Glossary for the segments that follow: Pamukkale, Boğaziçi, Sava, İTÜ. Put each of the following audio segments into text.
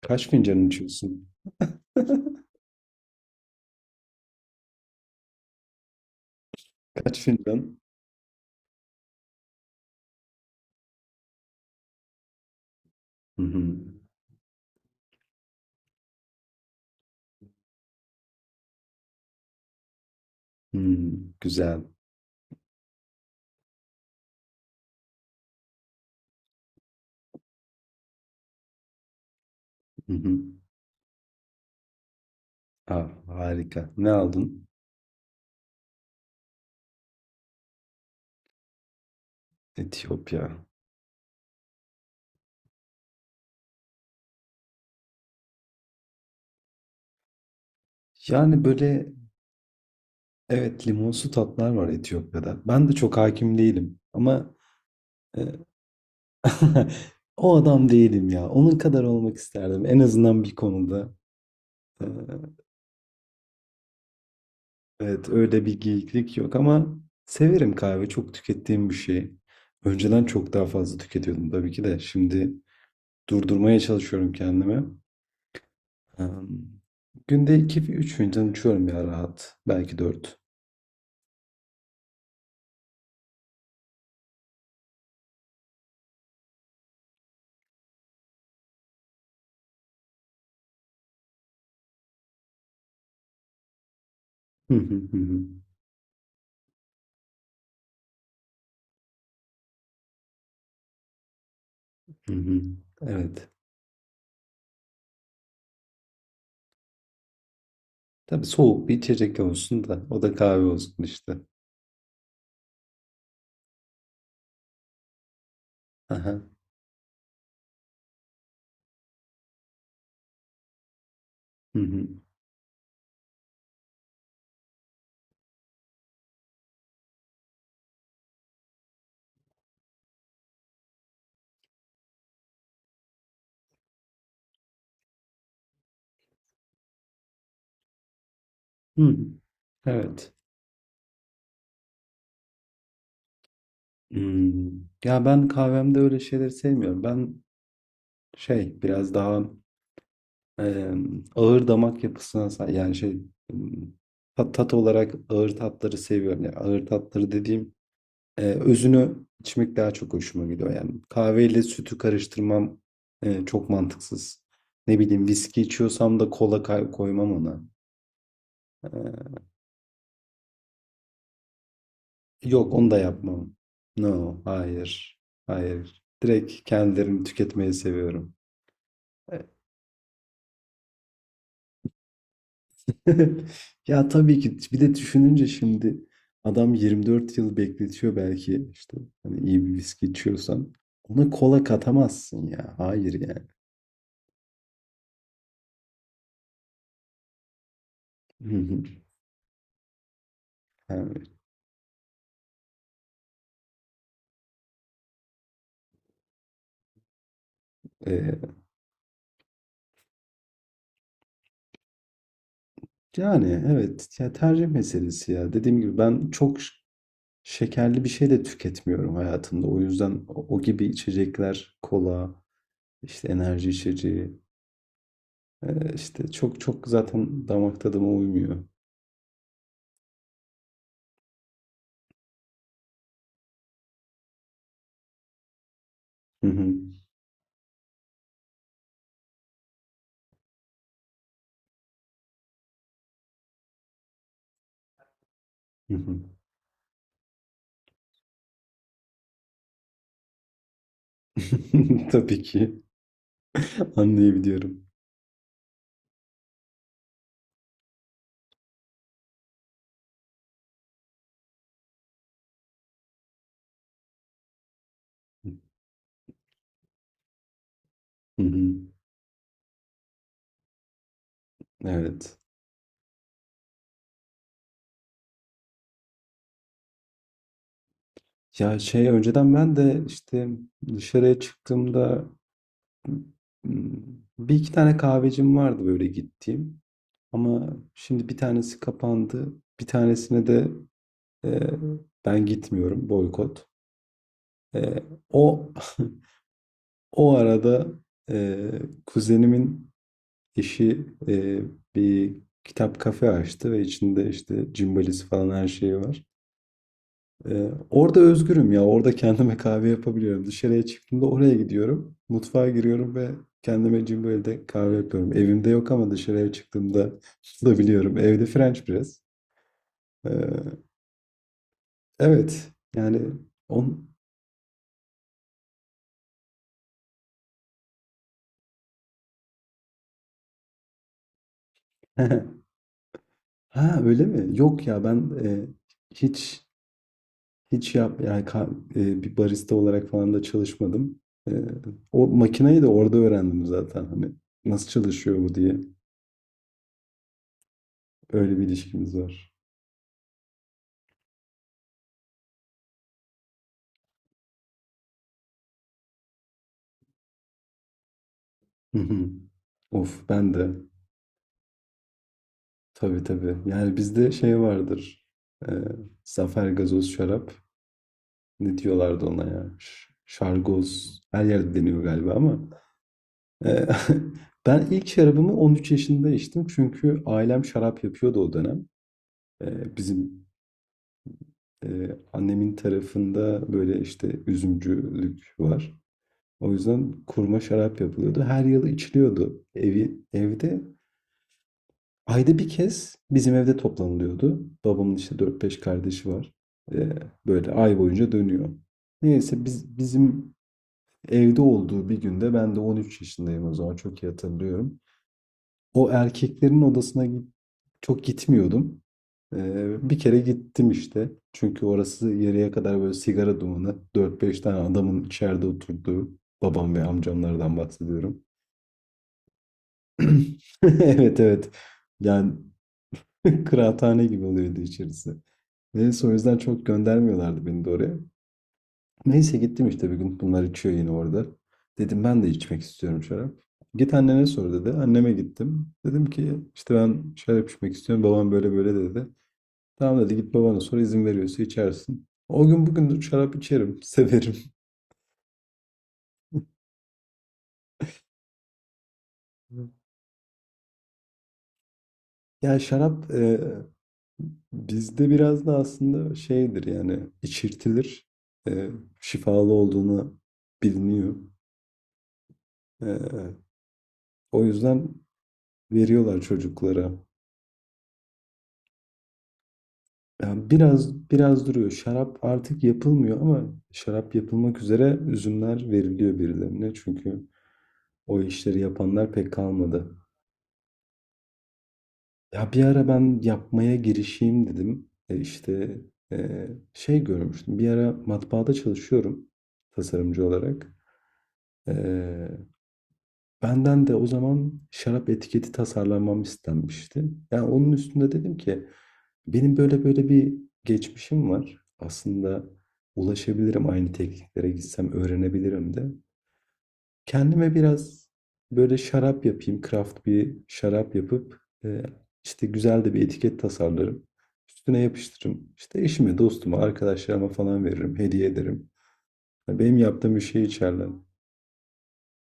Kaç fincan içiyorsun? Kaç fincan? Hı hı. Hmm, güzel. Hı hı. Ah, harika. Ne aldın? Etiyopya. Yani böyle, evet, limonsu tatlar var Etiyopya'da. Ben de çok hakim değilim ama e, o adam değilim ya. Onun kadar olmak isterdim. En azından bir konuda. E, evet, öyle bir geyiklik yok ama severim kahve. Çok tükettiğim bir şey. Önceden çok daha fazla tüketiyordum tabii ki de. Şimdi durdurmaya çalışıyorum kendimi. Emm, Günde 2 üç fincan içiyorum ya, rahat. Belki 4. Hı hı, hı hı, hı hı. Evet. Tabii, soğuk bir içecek olsun da o da kahve olsun işte. Aha. Hı. Hı hı. Evet. Imm, ya ben kahvemde öyle şeyleri sevmiyorum. Ben şey biraz daha, ağır damak yapısına sa, yani şey, ımm, tat olarak ağır tatları seviyorum. Ya, ağır tatları dediğim özünü içmek daha çok hoşuma gidiyor yani. Kahveyle sütü karıştırmam çok mantıksız. Ne bileyim, viski içiyorsam da kola koymam ona. Ee, yok, onu da yapmam. No, hayır. Hayır. Direkt kendilerini tüketmeyi seviyorum. Ya tabii ki, bir de düşününce şimdi adam 24 yıl bekletiyor belki, işte hani iyi bir viski içiyorsan. Ona kola katamazsın ya. Hayır yani. Hı hı. Yani, e, Yani, evet, ya, tercih meselesi ya. Dediğim gibi ben çok şekerli bir şey de tüketmiyorum hayatımda. O yüzden o gibi içecekler, kola, işte, enerji içeceği, işte, çok çok zaten damak tadıma uymuyor. Hı hı. Hı hı. Tabii ki. Anlayabiliyorum. Hı hı. Evet. Ya, şey, önceden ben de, işte, dışarıya çıktığımda, 1-2 tane kahvecim vardı böyle gittiğim. Ama şimdi bir tanesi kapandı. Bir tanesine de e, ben gitmiyorum. Boykot. E, o o arada e, kuzenimin eşi bir kitap kafe açtı ve içinde işte cimbalisi falan her şeyi var. Orada özgürüm ya. Orada kendime kahve yapabiliyorum. Dışarıya çıktığımda oraya gidiyorum. Mutfağa giriyorum ve kendime cimbalide kahve yapıyorum. Evimde yok ama dışarıya çıktığımda bulabiliyorum. Evde French press. E, Evet, yani on ha, öyle mi? Yok ya ben, hiç hiç yap yani ka bir barista olarak falan da çalışmadım. Eee, o makineyi de orada öğrendim zaten, hani nasıl çalışıyor bu diye. Öyle bir ilişkimiz var. Hı hı. Of, ben de. Tabii tabii. Yani bizde şey vardır. Eee, zafer gazoz şarap. Ne diyorlardı ona ya? Şargoz. Her yerde deniyor galiba ama. Eee, ben ilk şarabımı 13 yaşında içtim. Çünkü ailem şarap yapıyordu o dönem. Bizim annemin tarafında böyle işte üzümcülük var. O yüzden kurma şarap yapılıyordu. Her yıl içiliyordu evde. Ayda bir kez bizim evde toplanılıyordu. Babamın işte 4-5 kardeşi var. Eee, böyle ay boyunca dönüyor. Neyse, bizim evde olduğu bir günde ben de 13 yaşındayım o zaman, çok iyi hatırlıyorum. O erkeklerin odasına çok gitmiyordum. Bir kere gittim işte. Çünkü orası yarıya kadar böyle sigara dumanı, 4-5 tane adamın içeride oturduğu. Babam ve amcamlardan bahsediyorum. Evet, evet. Yani kıraathane gibi oluyordu içerisi. Neyse, o yüzden çok göndermiyorlardı beni de oraya. Neyse, gittim işte bir gün. Bunlar içiyor yine orada. Dedim, ben de içmek istiyorum şarap. Git annene sor dedi. Anneme gittim. Dedim ki işte ben şarap içmek istiyorum, babam böyle böyle dedi. Tamam dedi, git babana sor, izin veriyorsa içersin. O gün bugün şarap içerim. Severim. Ya, şarap bizde biraz da aslında şeydir yani, içirtilir. E, şifalı olduğunu biliniyor. E, o yüzden veriyorlar çocuklara. Yani biraz biraz duruyor. Şarap artık yapılmıyor ama şarap yapılmak üzere üzümler veriliyor birilerine. Çünkü o işleri yapanlar pek kalmadı. Ya, bir ara ben yapmaya girişeyim dedim. İşte, e, şey görmüştüm. Bir ara matbaada çalışıyorum, tasarımcı olarak. E, Benden de o zaman şarap etiketi tasarlamam istenmişti. Yani onun üstünde dedim ki, benim böyle böyle bir geçmişim var. Aslında ulaşabilirim, aynı tekniklere gitsem öğrenebilirim de. Kendime biraz böyle şarap yapayım, craft bir şarap yapıp işte güzel de bir etiket tasarlarım. Üstüne yapıştırırım. İşte eşime, dostuma, arkadaşlarıma falan veririm. Hediye ederim. Yani benim yaptığım bir şey içerler.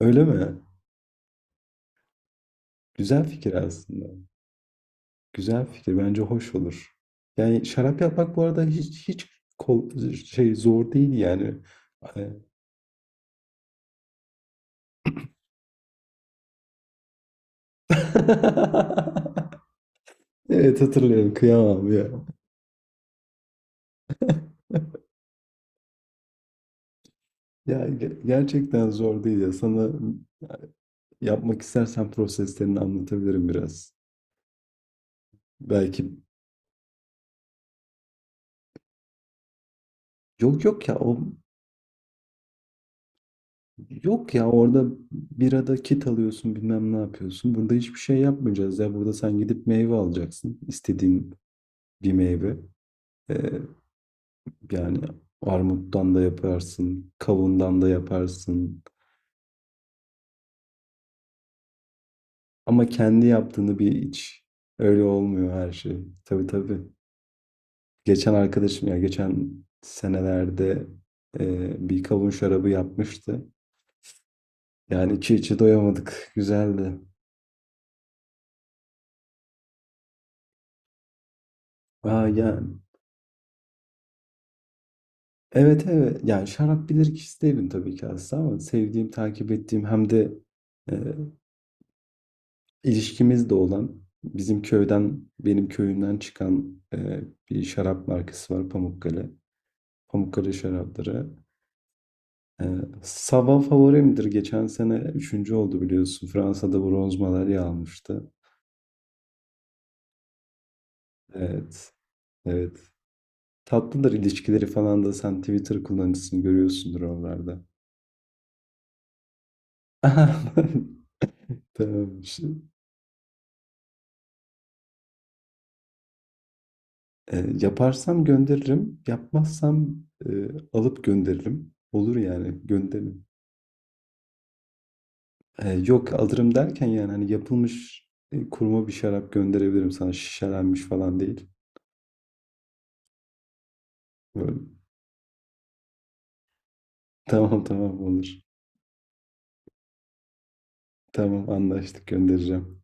Öyle mi? Güzel fikir aslında. Güzel fikir. Bence hoş olur. Yani şarap yapmak bu arada hiç hiç kol, şey zor değil yani. Hani- evet, hatırlıyorum. Kıyamam ya. Ya, gerçekten zor değil ya. Sana, yapmak istersen, proseslerini anlatabilirim biraz. Belki yok yok ya o yok ya orada birada kit alıyorsun, bilmem ne yapıyorsun. Burada hiçbir şey yapmayacağız ya. Burada sen gidip meyve alacaksın, istediğin bir meyve. Yani armuttan da yaparsın, kavundan da yaparsın. Ama kendi yaptığını bir iç. Öyle olmuyor her şey. Tabii tabii. Geçen arkadaşım ya, geçen senelerde bir kavun şarabı yapmıştı. Yani içi içi doyamadık. Güzeldi. Aa, yani. Evet, evet. Yani şarap bilirkişisi değilim tabii ki aslında, ama sevdiğim, takip ettiğim, hem de e, İlişkimiz de olan, bizim köyden, benim köyümden çıkan bir şarap markası var, Pamukkale. Pamukkale şarapları. E, Sava favorimdir. Geçen sene üçüncü oldu biliyorsun. Fransa'da bronz madalya almıştı. Evet, evet. Tatlıdır ilişkileri falan da, sen Twitter kullanıcısını görüyorsundur oralarda. Tamam. Yaparsam gönderirim. Yapmazsam e, alıp gönderirim. Olur yani, gönderin. Yok, alırım derken yani, hani yapılmış kurma bir şarap gönderebilirim sana, şişelenmiş falan değil. Böyle, tamam tamam olur. Tamam, anlaştık, göndereceğim.